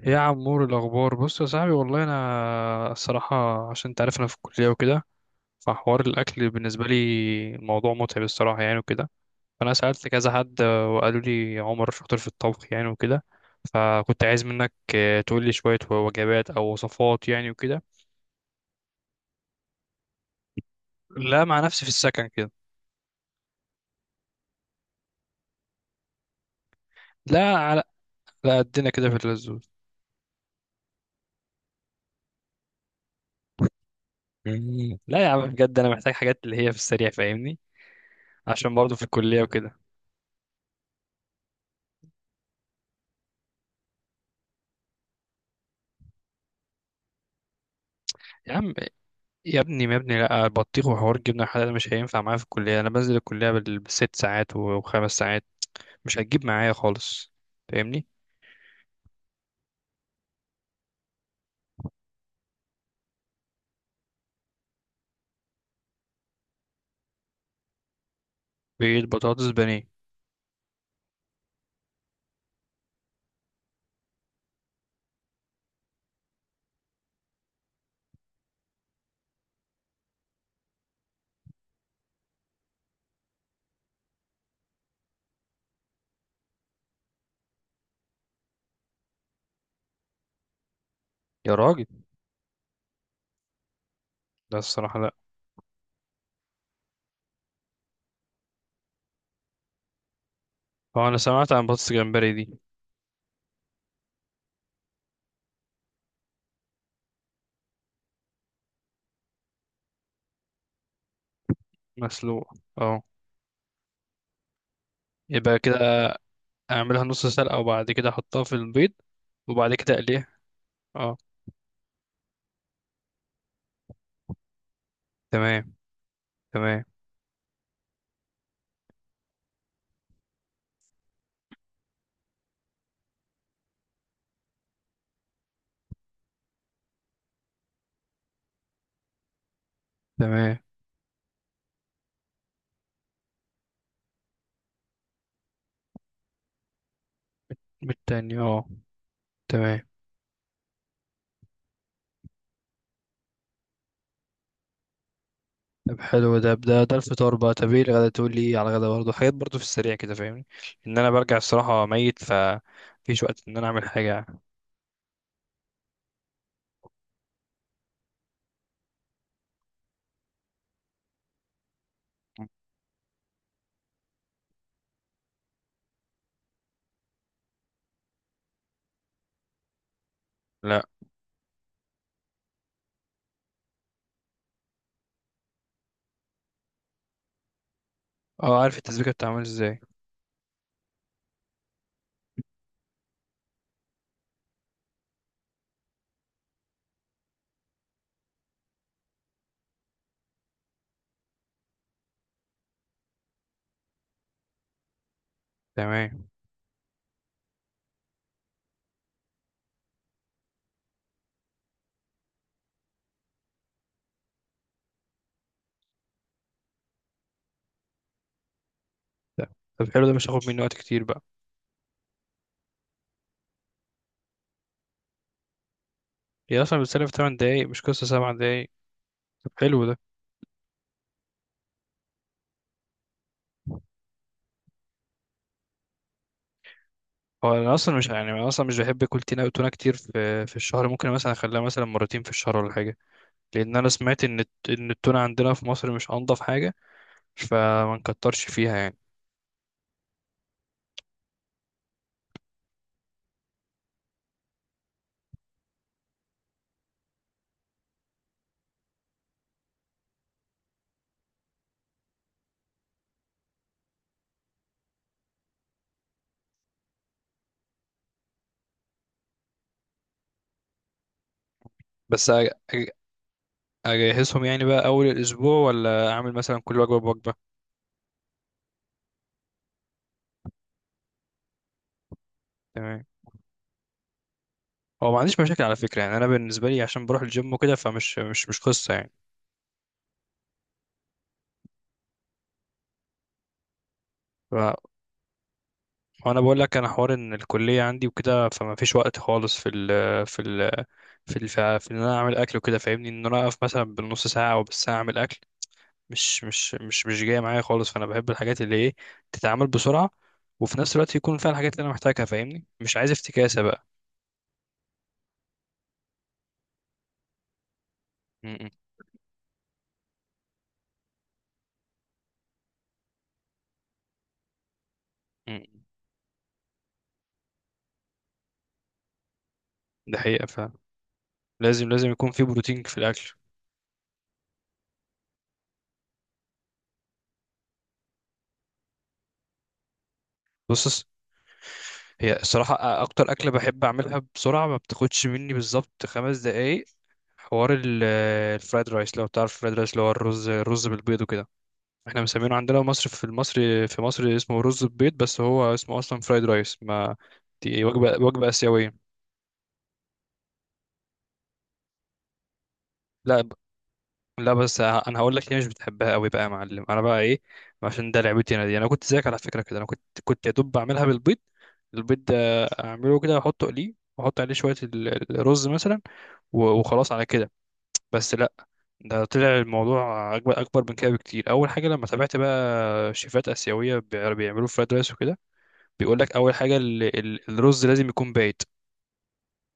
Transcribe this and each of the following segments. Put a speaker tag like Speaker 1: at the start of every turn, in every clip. Speaker 1: إيه يا عمور، الأخبار؟ بص يا صاحبي، والله أنا الصراحة عشان تعرف أنا في الكلية وكده، فحوار الأكل بالنسبة لي موضوع متعب الصراحة يعني وكده. فأنا سألت كذا حد وقالوا لي عمر شاطر في الطبخ يعني وكده، فكنت عايز منك تقول لي شوية وجبات أو وصفات يعني وكده. لا، مع نفسي في السكن كده. لا، على لا، قدنا كده في اللزوز. مم. لا يا عم، بجد أنا محتاج حاجات اللي هي في السريع، فاهمني؟ عشان برضه في الكلية وكده. يا عم، يا ابني يا ابني، لا البطيخ وحوار الجبنه الحلال ده مش هينفع معايا في الكليه. انا بنزل الكليه بال6 ساعات و5 ساعات، مش هتجيب معايا خالص، فاهمني؟ بقيت بطاطس بانيه. يا راجل، لا الصراحه لا. هو انا سمعت عن بطاطس جمبري دي. مسلوقه، اه. يبقى كده اعملها نص سلقه وبعد كده احطها في البيض وبعد كده اقليها. اه، تمام. تمام. تمام، بالتاني اه. تمام. طب حلو، ده الفطار بقى. طب ايه الغدا؟ تقول لي ايه على الغدا برضه؟ حاجات برضه في السريع كده، فاهمني؟ ان انا برجع الصراحه ميت، فمفيش وقت ان انا اعمل حاجه. لا. اه عارف التسبيكه بتتعمل ازاي. تمام. طب طب حلو ده، مش هاخد مني وقت كتير بقى. هي اصلا بتسلف 8 دقايق، مش قصه 7 دقايق. طب حلو ده. هو انا اصلا مش يعني انا اصلا مش بحب اكل تونه تونه كتير في الشهر. ممكن مثلا اخليها مثلا مرتين في الشهر ولا حاجه، لان انا سمعت ان التونه عندنا في مصر مش انضف حاجه، فما نكترش فيها يعني. بس أ- اجهزهم يعني بقى اول الاسبوع، ولا اعمل مثلا كل وجبه بوجبه؟ تمام. هو ما عنديش مشاكل على فكره، يعني انا بالنسبه لي عشان بروح الجيم وكده، فمش مش مش قصه يعني. ف- وانا بقول لك انا حوار ان الكليه عندي وكده، فما فيش وقت خالص في ال في ال في ان انا اعمل اكل وكده، فاهمني؟ ان انا اقف مثلا بالنص ساعه او بالساعه اعمل اكل، مش جايه معايا خالص. فانا بحب الحاجات اللي ايه، تتعمل بسرعه وفي نفس الوقت يكون فيها الحاجات اللي انا محتاجها، فاهمني؟ مش عايز افتكاسه بقى. م- م- م. ده حقيقه، لازم يكون في بروتين في الاكل. بص، هي الصراحه اكتر اكله بحب اعملها بسرعه، ما بتاخدش مني بالظبط 5 دقايق. حوار الفرايد رايس، لو تعرف الفرايد رايس، اللي هو الرز بالبيض وكده. احنا مسمينه عندنا مصر، في مصر اسمه رز ببيض، بس هو اسمه اصلا فرايد رايس ما، دي وجبه اسيويه. لا لا، بس انا هقول لك ليه مش بتحبها قوي بقى يا معلم. انا بقى ايه، عشان ده لعبتي انا دي. انا كنت زيك على فكره كده. انا كنت يا دوب بعملها بالبيض. البيض ده اعمله كده واحطه اقليه واحط عليه شويه الرز مثلا، وخلاص على كده. بس لا، ده طلع الموضوع اكبر اكبر من كده بكتير. اول حاجه لما تابعت بقى شيفات اسيويه بيعملوا فرايد رايس وكده، بيقول لك اول حاجه الرز لازم يكون بايت.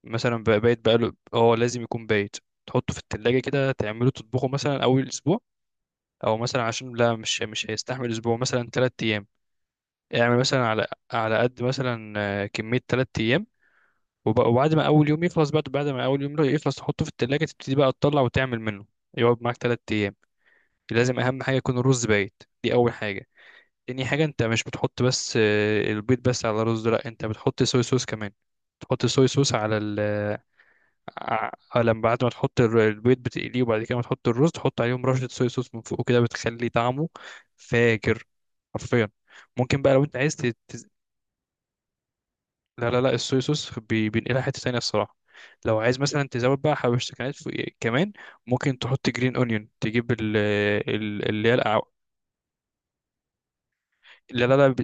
Speaker 1: مثلا بايت بقاله، اه لازم يكون بايت. تحطه في التلاجة كده، تعمله تطبخه مثلا أول أسبوع، او مثلا عشان لا، مش هيستحمل اسبوع، مثلا 3 ايام. اعمل مثلا على قد مثلا كميه ثلاث ايام، وبعد ما اول يوم يخلص، بعد ما اول يوم يخلص تحطه في التلاجة، تبتدي بقى تطلع وتعمل منه. يقعد معاك 3 ايام. لازم اهم حاجه يكون الرز بايت، دي اول حاجه. تاني حاجه، انت مش بتحط بس البيض بس على الرز، لا انت بتحط صويا صوص كمان. تحط صويا صوص على لما بعد ما تحط البيض بتقليه، وبعد كده ما تحط الرز تحط عليهم رشة صويا صوص من فوق كده، بتخلي طعمه فاجر، حرفيا. ممكن بقى لو انت عايز تز- لا لا لا، الصويا صوص بينقلها حتة تانية الصراحة. لو عايز مثلا تزود بقى حبشتكنات فوق كمان، ممكن تحط جرين اونيون، تجيب اللي هي لا لا لا،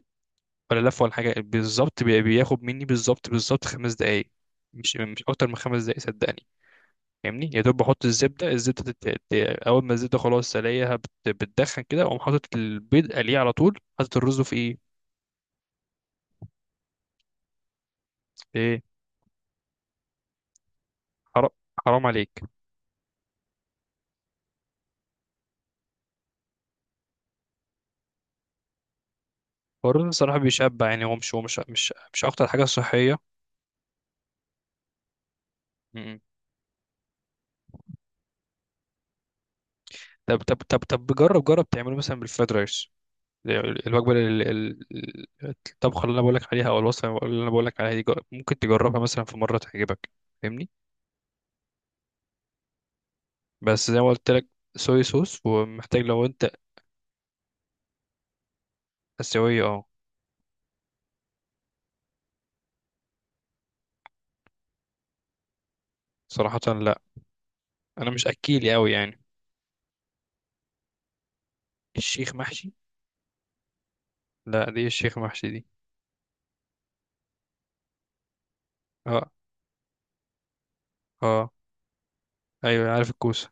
Speaker 1: ولا لف ولا حاجة بالظبط. بياخد مني بالظبط بالظبط 5 دقايق، مش أكتر من 5 دقايق صدقني. فاهمني، يا دوب بحط الزبده اول ما الزبده خلاص الاقيها بتدخن كده، اقوم حاطط البيض قليه على طول، حاطط الرز في ايه. حرام، حرام عليك. هو الرز صراحه بيشبع، يعني هو مش اكتر حاجه صحيه. م-م. طب جرب تعمله مثلا بالفرايد رايس. ال- الوجبه ال- ال- ال- الطبخه اللي انا بقول لك عليها، او الوصفه اللي انا بقول لك عليها دي، ممكن تجربها مثلا في مره تعجبك، فاهمني؟ بس زي ما قلت لك، صويا صوص، ومحتاج لو انت. اسيويه اه. صراحه لا، انا مش اكيلي قوي يعني. الشيخ محشي؟ لا دي الشيخ محشي دي. اه اه، ايوه عارف الكوسه.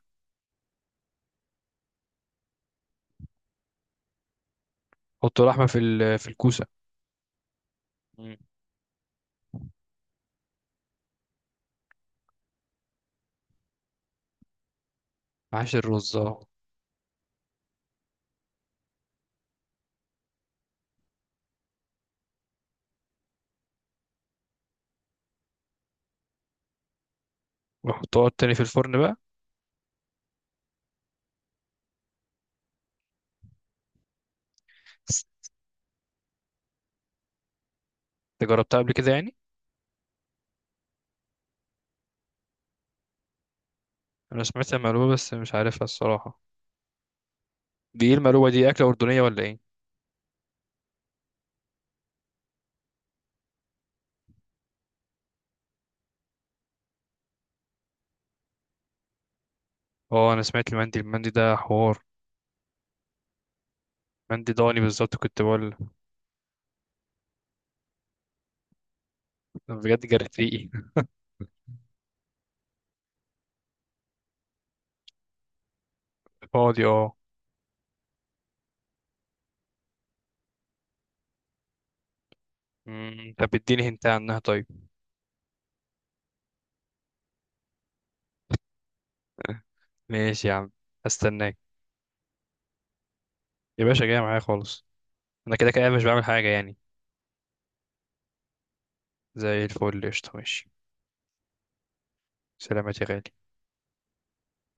Speaker 1: حط اللحمه في في الكوسه. مم. معاش الرز، اه. وحطها تاني في الفرن بقى. بس انت جربتها قبل كده يعني؟ انا سمعت المقلوبه بس مش عارفها الصراحه. دي ايه المقلوبه دي؟ اكله اردنيه ولا ايه؟ اه انا سمعت المندي، المندي ده حوار. مندي ضاني، بالظبط كنت بقول. أنا بجد جرت ريقي. فاضي، اه. مم، طب اديني هنت عنها طيب. ماشي يا عم، هستناك. يا باشا، جاي معايا خالص، انا كده كده مش بعمل حاجه يعني. زي الفل، قشطة، ماشي. سلامات يا غالي.